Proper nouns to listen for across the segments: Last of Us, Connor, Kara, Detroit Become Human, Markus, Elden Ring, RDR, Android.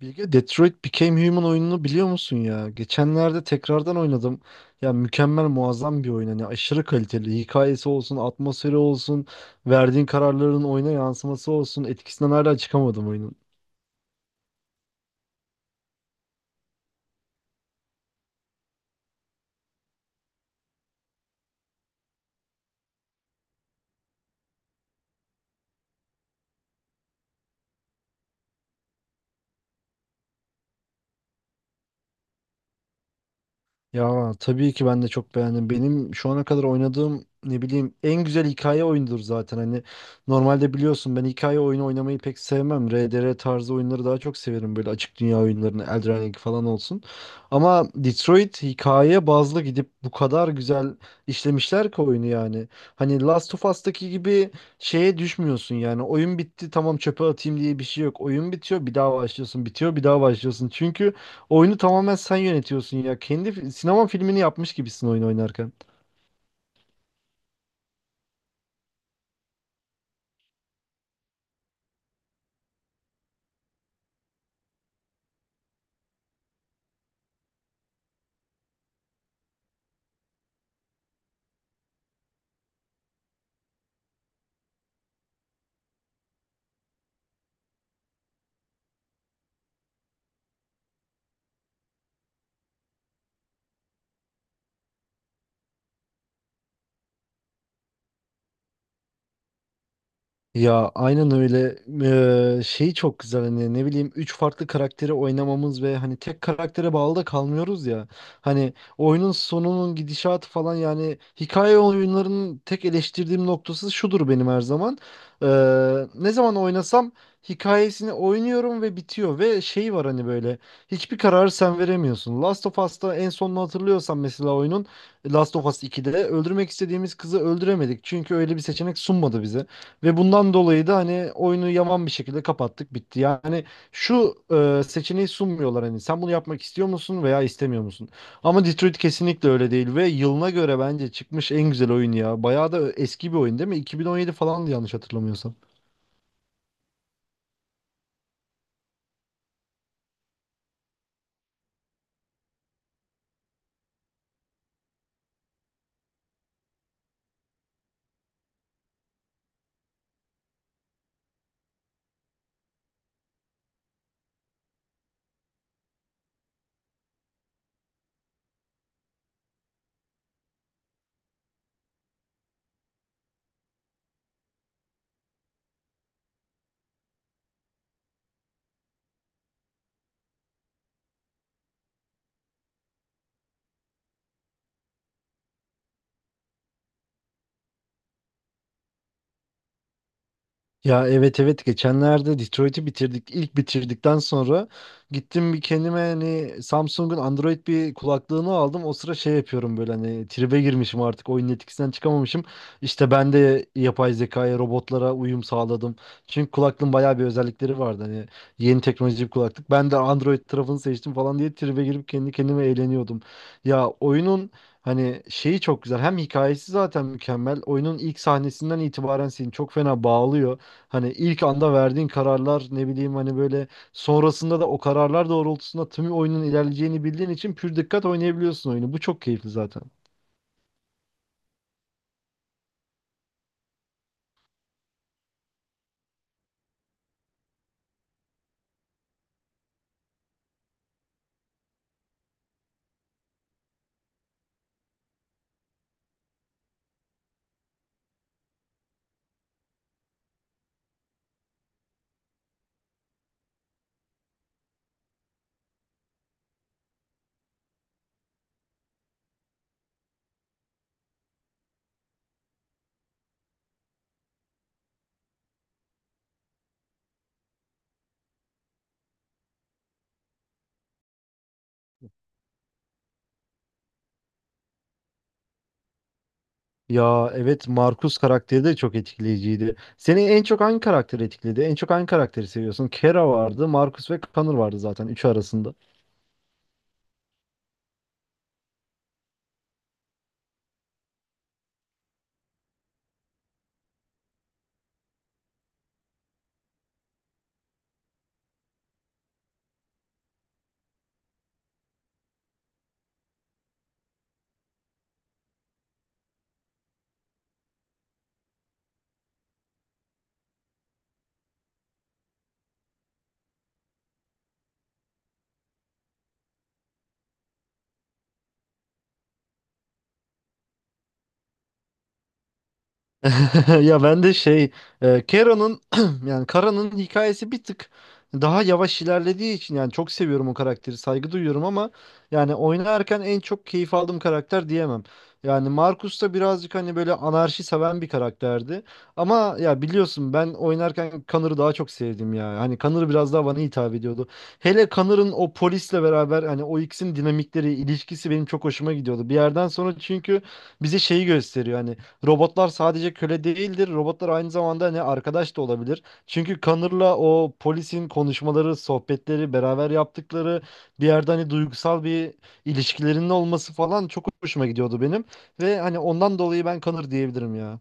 Bilge Detroit Become Human oyununu biliyor musun ya? Geçenlerde tekrardan oynadım. Ya mükemmel muazzam bir oyun. Hani aşırı kaliteli. Hikayesi olsun, atmosferi olsun, verdiğin kararların oyuna yansıması olsun. Etkisinden hala çıkamadım oyunun. Ya tabii ki ben de çok beğendim. Benim şu ana kadar oynadığım ne bileyim en güzel hikaye oyunudur zaten. Hani normalde biliyorsun ben hikaye oyunu oynamayı pek sevmem. RDR tarzı oyunları daha çok severim. Böyle açık dünya oyunlarını, Elden Ring falan olsun. Ama Detroit hikaye bazlı gidip bu kadar güzel işlemişler ki oyunu yani. Hani Last of Us'taki gibi şeye düşmüyorsun yani. Oyun bitti, tamam çöpe atayım diye bir şey yok. Oyun bitiyor bir daha başlıyorsun. Bitiyor bir daha başlıyorsun. Çünkü oyunu tamamen sen yönetiyorsun ya. Kendi sinema filmini yapmış gibisin oyun oynarken. Ya aynen öyle. Şey çok güzel hani, ne bileyim, üç farklı karakteri oynamamız ve hani tek karaktere bağlı da kalmıyoruz ya. Hani oyunun sonunun gidişatı falan, yani hikaye oyunlarının tek eleştirdiğim noktası şudur benim, her zaman. Ne zaman oynasam hikayesini oynuyorum ve bitiyor ve şey var hani, böyle hiçbir kararı sen veremiyorsun. Last of Us'ta en sonunu hatırlıyorsan mesela oyunun, Last of Us iki'de öldürmek istediğimiz kızı öldüremedik. Çünkü öyle bir seçenek sunmadı bize. Ve bundan dolayı da hani oyunu yaman bir şekilde kapattık, bitti. Yani şu seçeneği sunmuyorlar, hani sen bunu yapmak istiyor musun veya istemiyor musun? Ama Detroit kesinlikle öyle değil ve yılına göre bence çıkmış en güzel oyun ya. Bayağı da eski bir oyun değil mi? 2017 falan, yanlış hatırlamıyorsam. Ya, evet, evet, geçenlerde Detroit'i bitirdik. İlk bitirdikten sonra gittim bir kendime, hani Samsung'un Android bir kulaklığını aldım. O sıra şey yapıyorum, böyle hani tribe girmişim, artık oyunun etkisinden çıkamamışım. İşte ben de yapay zekaya, robotlara uyum sağladım. Çünkü kulaklığın bayağı bir özellikleri vardı hani, yeni teknoloji bir kulaklık. Ben de Android tarafını seçtim falan diye tribe girip kendi kendime eğleniyordum. Ya oyunun Hani şeyi çok güzel. Hem hikayesi zaten mükemmel. Oyunun ilk sahnesinden itibaren seni çok fena bağlıyor. Hani ilk anda verdiğin kararlar, ne bileyim hani böyle, sonrasında da o kararlar doğrultusunda tüm oyunun ilerleyeceğini bildiğin için pür dikkat oynayabiliyorsun oyunu. Bu çok keyifli zaten. Ya evet, Markus karakteri de çok etkileyiciydi. Seni en çok hangi karakter etkiledi? En çok hangi karakteri seviyorsun? Kera vardı, Markus ve Connor vardı zaten, üçü arasında. Ya ben de şey, Kera'nın yani Kara'nın hikayesi bir tık daha yavaş ilerlediği için, yani çok seviyorum o karakteri, saygı duyuyorum, ama yani oynarken en çok keyif aldığım karakter diyemem. Yani Marcus da birazcık hani, böyle anarşi seven bir karakterdi. Ama ya biliyorsun, ben oynarken Connor'ı daha çok sevdim ya. Hani Connor biraz daha bana hitap ediyordu. Hele Connor'ın o polisle beraber, hani o ikisinin dinamikleri, ilişkisi benim çok hoşuma gidiyordu. Bir yerden sonra çünkü bize şeyi gösteriyor hani, robotlar sadece köle değildir. Robotlar aynı zamanda ne arkadaş da olabilir. Çünkü Connor'la o polisin konuşmaları, sohbetleri, beraber yaptıkları, bir yerde hani duygusal bir ilişkilerinin olması falan çok hoşuma gidiyordu benim. Ve hani ondan dolayı ben Connor diyebilirim ya.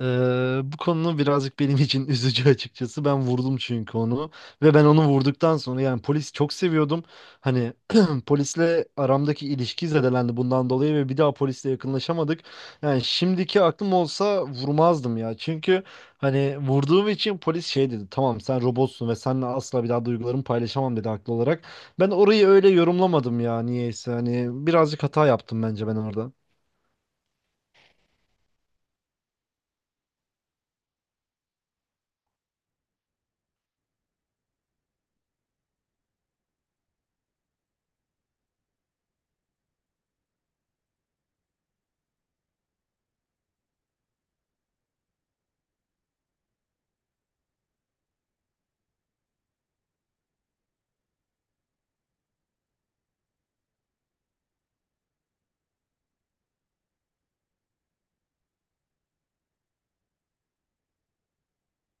Bu konu birazcık benim için üzücü açıkçası. Ben vurdum çünkü onu, ve ben onu vurduktan sonra yani polis çok seviyordum. Hani polisle aramdaki ilişki zedelendi bundan dolayı ve bir daha polisle yakınlaşamadık. Yani şimdiki aklım olsa vurmazdım ya. Çünkü hani vurduğum için polis şey dedi. Tamam, sen robotsun ve seninle asla bir daha duygularımı paylaşamam dedi, haklı olarak. Ben orayı öyle yorumlamadım ya, niyeyse. Hani birazcık hata yaptım bence ben orada.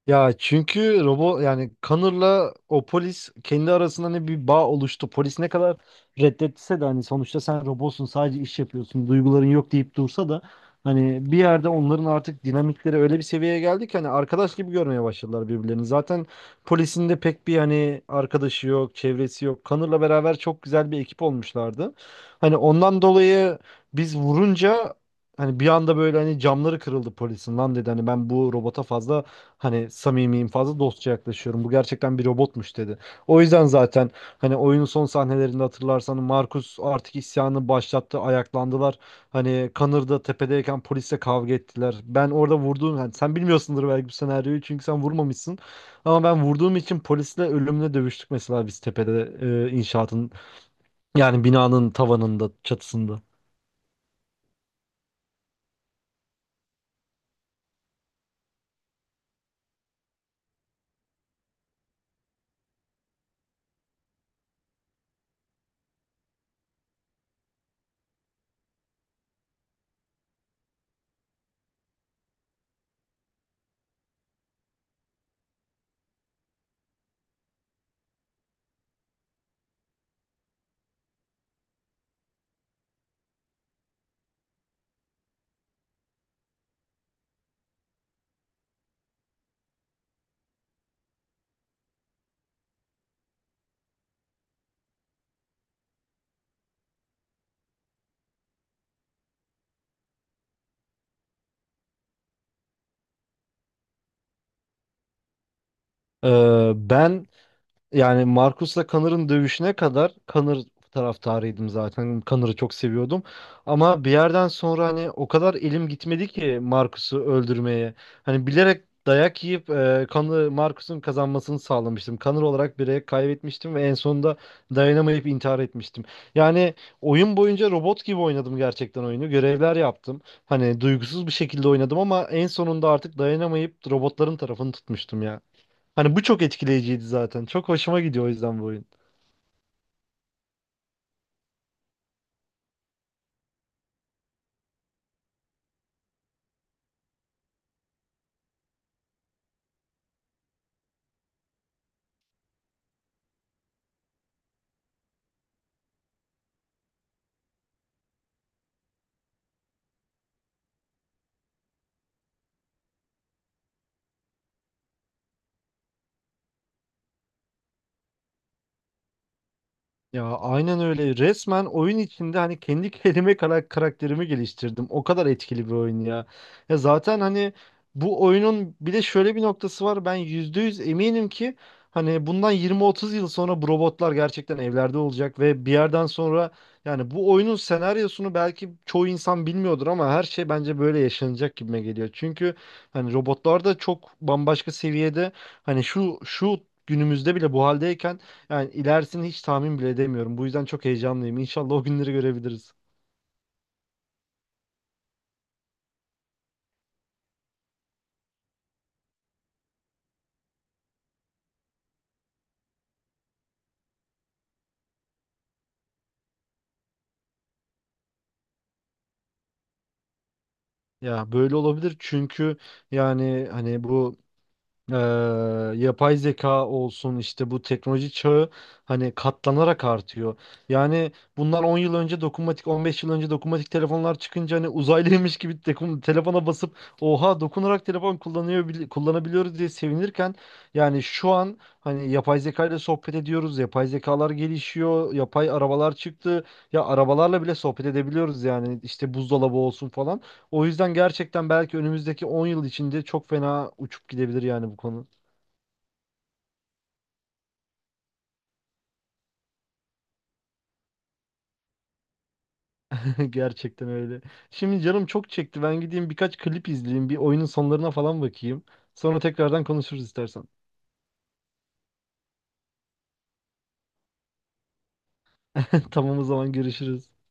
Ya çünkü robot, yani Connor'la o polis kendi arasında ne bir bağ oluştu. Polis ne kadar reddetse de, hani sonuçta sen robotsun, sadece iş yapıyorsun, duyguların yok deyip dursa da, hani bir yerde onların artık dinamikleri öyle bir seviyeye geldi ki hani arkadaş gibi görmeye başladılar birbirlerini. Zaten polisin de pek bir hani arkadaşı yok, çevresi yok. Connor'la beraber çok güzel bir ekip olmuşlardı. Hani ondan dolayı biz vurunca, hani bir anda böyle hani camları kırıldı polisin, lan dedi, hani ben bu robota fazla hani samimiyim, fazla dostça yaklaşıyorum. Bu gerçekten bir robotmuş dedi. O yüzden zaten hani oyunun son sahnelerinde hatırlarsan, Markus artık isyanı başlattı. Ayaklandılar. Hani Connor da tepedeyken polisle kavga ettiler. Ben orada vurduğum, hani sen bilmiyorsundur belki bu senaryoyu çünkü sen vurmamışsın. Ama ben vurduğum için polisle ölümle dövüştük mesela, biz tepede, inşaatın, yani binanın tavanında, çatısında. Ben Yani Marcus'la Connor'ın dövüşüne kadar Connor taraftarıydım zaten. Connor'ı çok seviyordum. Ama bir yerden sonra hani o kadar elim gitmedi ki Marcus'u öldürmeye. Hani bilerek dayak yiyip Connor, Marcus'un kazanmasını sağlamıştım. Connor olarak bireye kaybetmiştim ve en sonunda dayanamayıp intihar etmiştim. Yani oyun boyunca robot gibi oynadım gerçekten oyunu. Görevler yaptım. Hani duygusuz bir şekilde oynadım ama en sonunda artık dayanamayıp robotların tarafını tutmuştum ya. Hani bu çok etkileyiciydi zaten. Çok hoşuma gidiyor o yüzden bu oyun. Ya aynen öyle. Resmen oyun içinde hani kendi karakterimi geliştirdim. O kadar etkili bir oyun ya. Ya zaten hani bu oyunun bir de şöyle bir noktası var. Ben %100 eminim ki hani bundan 20-30 yıl sonra bu robotlar gerçekten evlerde olacak, ve bir yerden sonra, yani bu oyunun senaryosunu belki çoğu insan bilmiyordur ama her şey bence böyle yaşanacak gibime geliyor. Çünkü hani robotlar da çok bambaşka seviyede, hani şu şu günümüzde bile bu haldeyken, yani ilerisini hiç tahmin bile edemiyorum. Bu yüzden çok heyecanlıyım. İnşallah o günleri görebiliriz. Ya böyle olabilir, çünkü yani hani bu Ee, yapay zeka olsun, işte bu teknoloji çağı hani katlanarak artıyor. Yani bunlar 10 yıl önce, dokunmatik, 15 yıl önce dokunmatik telefonlar çıkınca hani uzaylıymış gibi telefona basıp, oha dokunarak telefon kullanıyor, kullanabiliyoruz diye sevinirken, yani şu an hani yapay zeka ile sohbet ediyoruz. Yapay zekalar gelişiyor. Yapay arabalar çıktı. Ya arabalarla bile sohbet edebiliyoruz, yani işte buzdolabı olsun falan. O yüzden gerçekten belki önümüzdeki 10 yıl içinde çok fena uçup gidebilir yani bu konu. Gerçekten öyle. Şimdi canım çok çekti. Ben gideyim birkaç klip izleyeyim. Bir oyunun sonlarına falan bakayım. Sonra tekrardan konuşuruz istersen. Tamam, o zaman görüşürüz.